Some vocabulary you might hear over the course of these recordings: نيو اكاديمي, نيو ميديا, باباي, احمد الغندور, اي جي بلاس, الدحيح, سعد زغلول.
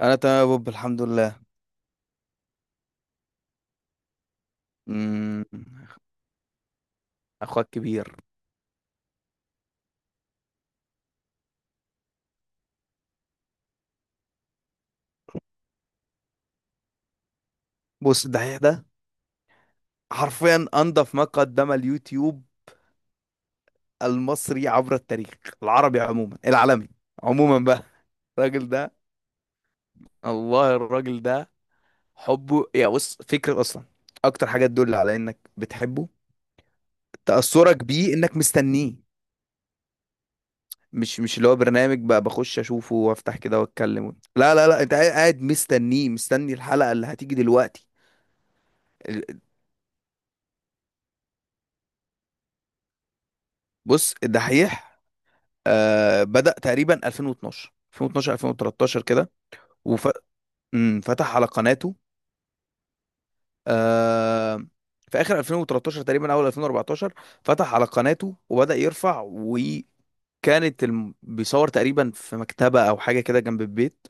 انا تمام يا بوب، الحمد لله. امم اخوك كبير. بص، الدحيح ده حرفيا انضف ما قدم اليوتيوب المصري عبر التاريخ، العربي عموما، العالمي عموما بقى. الراجل ده، الله، الراجل ده حبه، يا بص فكرة اصلا. اكتر حاجة تدل على انك بتحبه تأثرك بيه، انك مستنيه. مش اللي هو برنامج بقى بخش اشوفه وافتح كده واتكلم، لا لا لا، انت قاعد مستنيه، مستني الحلقة اللي هتيجي دلوقتي. ال- بص الدحيح بدأ تقريبا 2012 2012 2013 كده، وفتح على قناته آه في آخر 2013 تقريبا أول 2014. فتح على قناته وبدأ يرفع، وكانت بيصور تقريبا في مكتبة أو حاجة كده جنب البيت.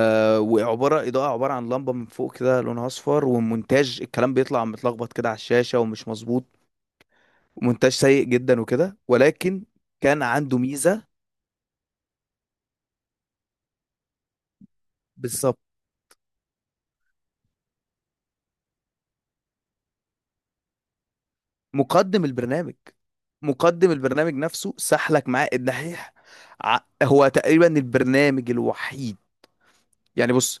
وعبارة إضاءة، عبارة عن لمبة من فوق كده لونها أصفر، ومونتاج الكلام بيطلع متلخبط كده على الشاشة ومش مظبوط، مونتاج سيء جدا وكده، ولكن كان عنده ميزة. بالظبط. مقدم البرنامج، مقدم البرنامج نفسه سحلك معاه الدحيح. هو تقريبا البرنامج الوحيد، يعني بص،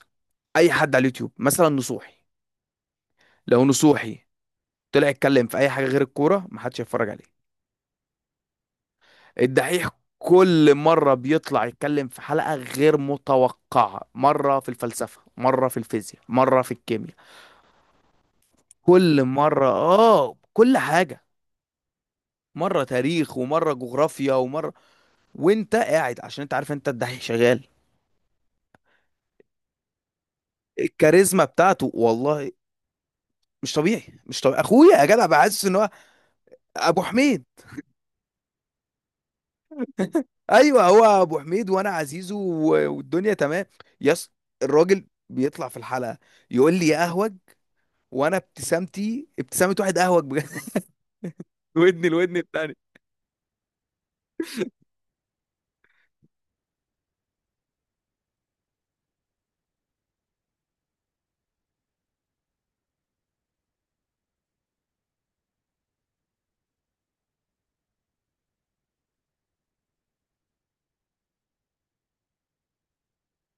اي حد على اليوتيوب مثلا نصوحي، لو نصوحي طلع يتكلم في اي حاجه غير الكوره محدش هيتفرج عليه. الدحيح كل مره بيطلع يتكلم في حلقه غير متوقعه، مره في الفلسفه، مره في الفيزياء، مره في الكيمياء، كل مره، اه، كل حاجه، مره تاريخ، ومره جغرافيا، ومره، وانت قاعد عشان انت عارف انت الدحيح شغال. الكاريزما بتاعته والله مش طبيعي، مش طبيعي، اخويا يا جدع، بحسس ان هو ابو حميد. ايوه هو ابو حميد وانا عزيزه والدنيا تمام. يس. الراجل بيطلع في الحلقه يقول لي يا اهوج، وانا ابتسامتي ابتسامه واحد اهوج بجد. ودني الودن التاني.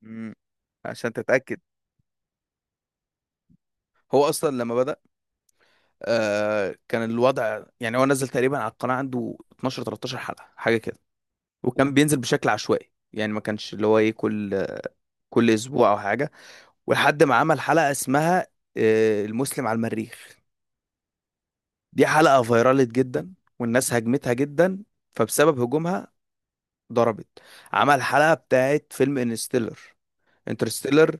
مم. عشان تتاكد، هو اصلا لما بدا كان الوضع، يعني هو نزل تقريبا على القناه عنده 12 13 حلقه حاجه كده، وكان بينزل بشكل عشوائي، يعني ما كانش اللي هو ايه، كل اسبوع او حاجه. ولحد ما عمل حلقة اسمها المسلم على المريخ. دي حلقة فيرالت جدا، والناس هاجمتها جدا، فبسبب هجومها ضربت. عمل حلقة بتاعت فيلم انستيلر، انترستيلر،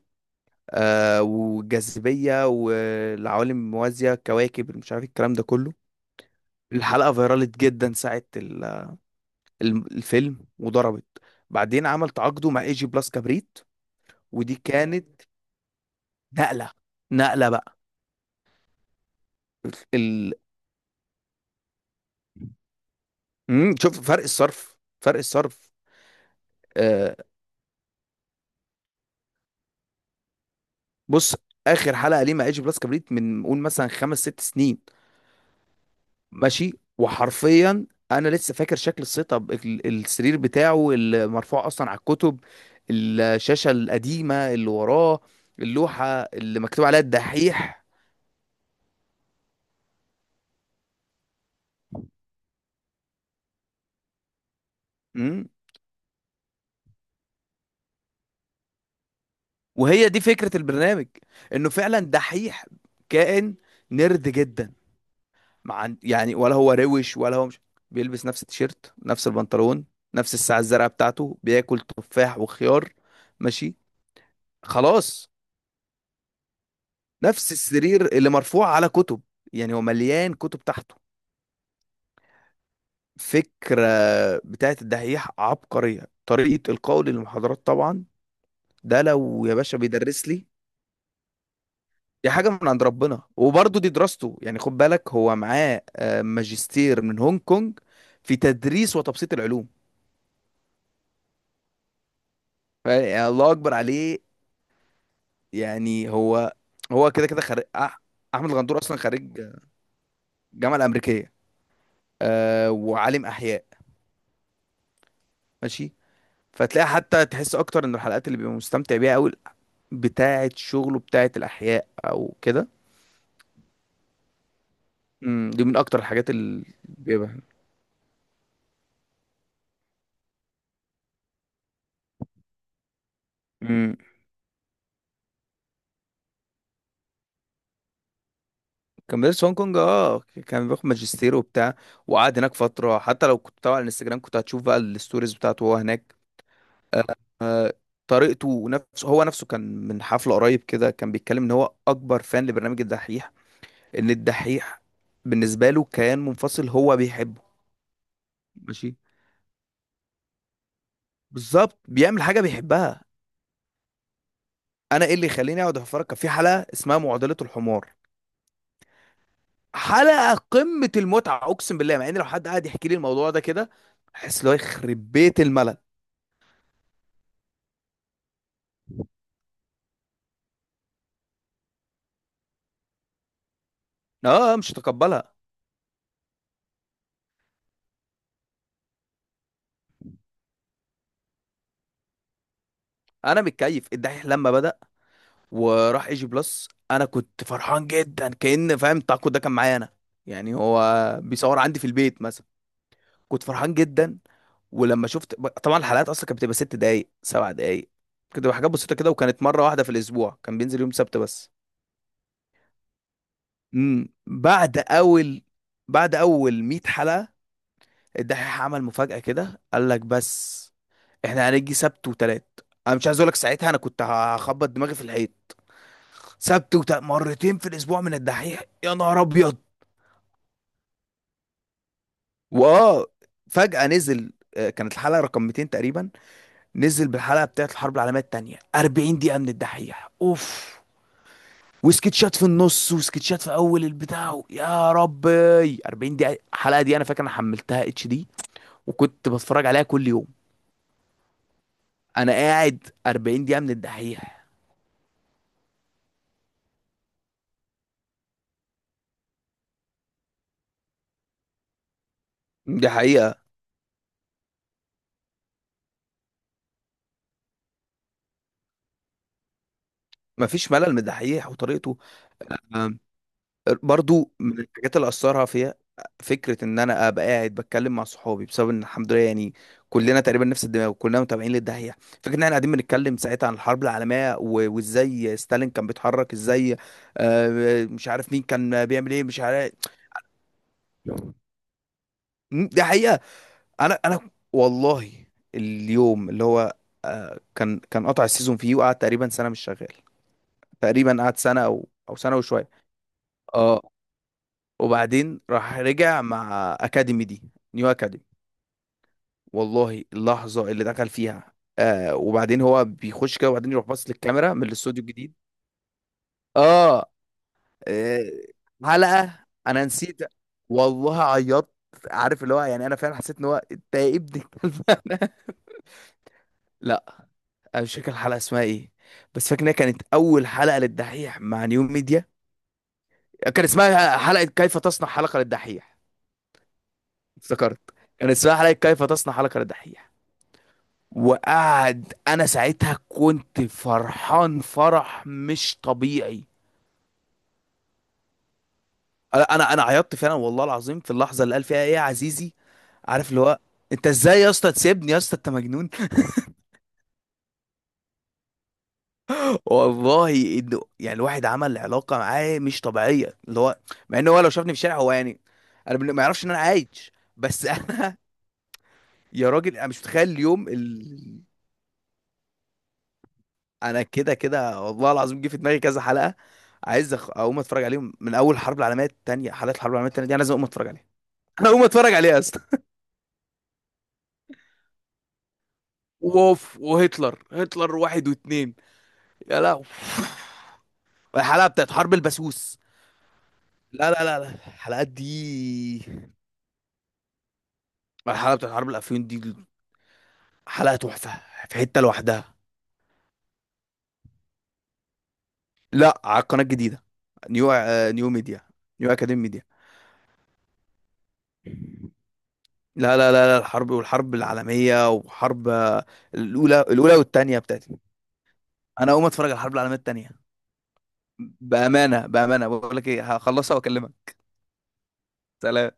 والجاذبية والعوالم الموازية، الكواكب، مش عارف الكلام ده كله. الحلقة فيرالت جدا ساعة الفيلم، وضربت. بعدين عمل تعاقده مع اي جي بلاس كبريت، ودي كانت نقلة، نقلة بقى. ال- شوف فرق الصرف، فرق الصرف. آه بص، اخر حلقه ليه مع ايجي بلس كبريت من قول مثلا خمس ست سنين، ماشي. وحرفيا انا لسه فاكر شكل السيت اب، السرير بتاعه المرفوع اصلا على الكتب، الشاشه القديمه اللي وراه، اللوحه اللي مكتوب عليها الدحيح. امم، وهي دي فكره البرنامج، انه فعلا دحيح، كائن نرد جدا، ما عن... يعني ولا هو روش ولا هو مش، بيلبس نفس التيشيرت، نفس البنطلون، نفس الساعة الزرقاء بتاعته، بياكل تفاح وخيار، ماشي، خلاص. نفس السرير اللي مرفوع على كتب، يعني هو مليان كتب تحته. فكرة بتاعت الدحيح عبقرية، طريقة القول للمحاضرات طبعا، ده لو يا باشا بيدرس لي. دي حاجة من عند ربنا، وبرضه دي دراسته، يعني خد بالك هو معاه ماجستير من هونج كونج في تدريس وتبسيط العلوم. يعني الله اكبر عليه. يعني هو، هو كده كده خريج احمد الغندور اصلا خريج الجامعه الامريكيه، وعالم احياء، ماشي. فتلاقي حتى تحس اكتر ان الحلقات اللي بيبقى مستمتع بيها قوي بتاعه شغله بتاعه الاحياء او كده. أمم، دي من اكتر الحاجات اللي بيبقى. امم. كان بيدرس في هونج كونج، كان بياخد ماجستير وبتاع، وقعد هناك فتره. حتى لو كنت تابع على الانستجرام كنت هتشوف بقى الستوريز بتاعته وهو هناك. آه، طريقته، نفسه هو نفسه كان من حفله قريب كده كان بيتكلم ان هو اكبر فان لبرنامج الدحيح، ان الدحيح بالنسبه له كيان منفصل هو بيحبه. ماشي. بالظبط بيعمل حاجه بيحبها. انا ايه اللي يخليني اقعد اتفرج؟ كان في حلقه اسمها معضله الحمار، حلقه قمه المتعه، اقسم بالله. مع ان لو حد قاعد يحكي لي الموضوع ده كده احس اللي هو يخرب بيت الملل. اه، مش هتقبلها. انا متكيف. الدحيح لما بدأ وراح اي جي بلس انا كنت فرحان جدا، كأن فاهم تاكو ده كان معايا انا، يعني هو بيصور عندي في البيت مثلا. كنت فرحان جدا. ولما شفت طبعا، الحلقات اصلا كانت بتبقى 6 دقايق 7 دقايق، كانت بتبقى حاجات بسيطه كده، وكانت مره واحده في الاسبوع، كان بينزل يوم سبت بس. امم، بعد اول 100 حلقه الدحيح عمل مفاجاه كده، قال لك، بس احنا هنيجي سبت وتلات. انا مش عايز اقول لك ساعتها انا كنت هخبط دماغي في الحيط. سبت وتلات، مرتين في الاسبوع من الدحيح، يا نهار ابيض. واه فجاه نزل، كانت الحلقه رقم 200 تقريبا، نزل بالحلقه بتاعت الحرب العالميه التانيه، 40 دقيقه من الدحيح اوف، وسكتشات في النص وسكتشات في اول البتاع، يا ربي، 40 دقيقه. الحلقه دي انا فاكر انا حملتها اتش دي، وكنت بتفرج عليها كل يوم. انا قاعد 40 دقيقه من الدحيح. دي حقيقة. مفيش ملل من الدحيح وطريقته. برضو من الحاجات اللي اثرها فيها فكره ان انا ابقى قاعد بتكلم مع صحابي، بسبب ان الحمد لله يعني كلنا تقريبا نفس الدماغ وكلنا متابعين للداهيه. فكره ان احنا قاعدين بنتكلم ساعتها عن الحرب العالميه وازاي ستالين كان بيتحرك ازاي. مش عارف مين كان بيعمل ايه، مش عارف. مم، دي حقيقه. انا والله، اليوم اللي هو، كان كان قطع السيزون فيه، وقعد تقريبا سنه مش شغال، تقريبا قعد سنه او سنه وشويه. اه، وبعدين راح رجع مع اكاديمي دي، نيو اكاديمي. والله اللحظه اللي دخل فيها، وبعدين هو بيخش كده وبعدين يروح باص للكاميرا من الاستوديو الجديد. اه آه، حلقه انا نسيت. والله عيطت. عارف اللي هو، يعني انا فعلا حسيت ان هو انت يا ابن الكلب. لا، انا مش فاكر الحلقه اسمها ايه، بس فاكر انها كانت اول حلقه للدحيح مع نيو ميديا. كان اسمها حلقه كيف تصنع حلقه للدحيح. افتكرت، كان اسمها حلقه كيف تصنع حلقه للدحيح. وقعد انا ساعتها كنت فرحان فرح مش طبيعي. انا انا أنا عيطت فعلا والله العظيم في اللحظه اللي قال فيها ايه يا عزيزي. عارف اللي هو انت ازاي يا اسطى تسيبني، يا اسطى انت مجنون. والله يعني الواحد عمل علاقه معاه مش طبيعيه، اللي هو مع ان هو لو شافني في الشارع هو يعني انا ما يعرفش ان انا عايش بس. انا، يا راجل انا مش متخيل اليوم. انا كده كده والله العظيم جه في دماغي كذا حلقه، عايز اقوم اتفرج عليهم من اول الحرب العالميه الثانيه. حلقات الحرب العالميه الثانيه دي انا لازم اقوم اتفرج عليها. انا اقوم اتفرج عليها يا اسطى. ووف، وهتلر، هتلر واحد واتنين. يا لهوي. الحلقه بتاعت حرب البسوس. لا لا لا لا، الحلقات دي الحلقه بتاعت حرب الافيون دي حلقه تحفه في حته لوحدها. لا، على القناه الجديده، نيو نيو ميديا، نيو اكاديمي ميديا. لا لا لا لا، الحرب، والحرب العالمية وحرب، الأولى، الأولى والتانية بتاعتي، أنا أقوم أتفرج على الحرب العالمية التانية. بأمانة، بأمانة بقول لك إيه، هخلصها وأكلمك. سلام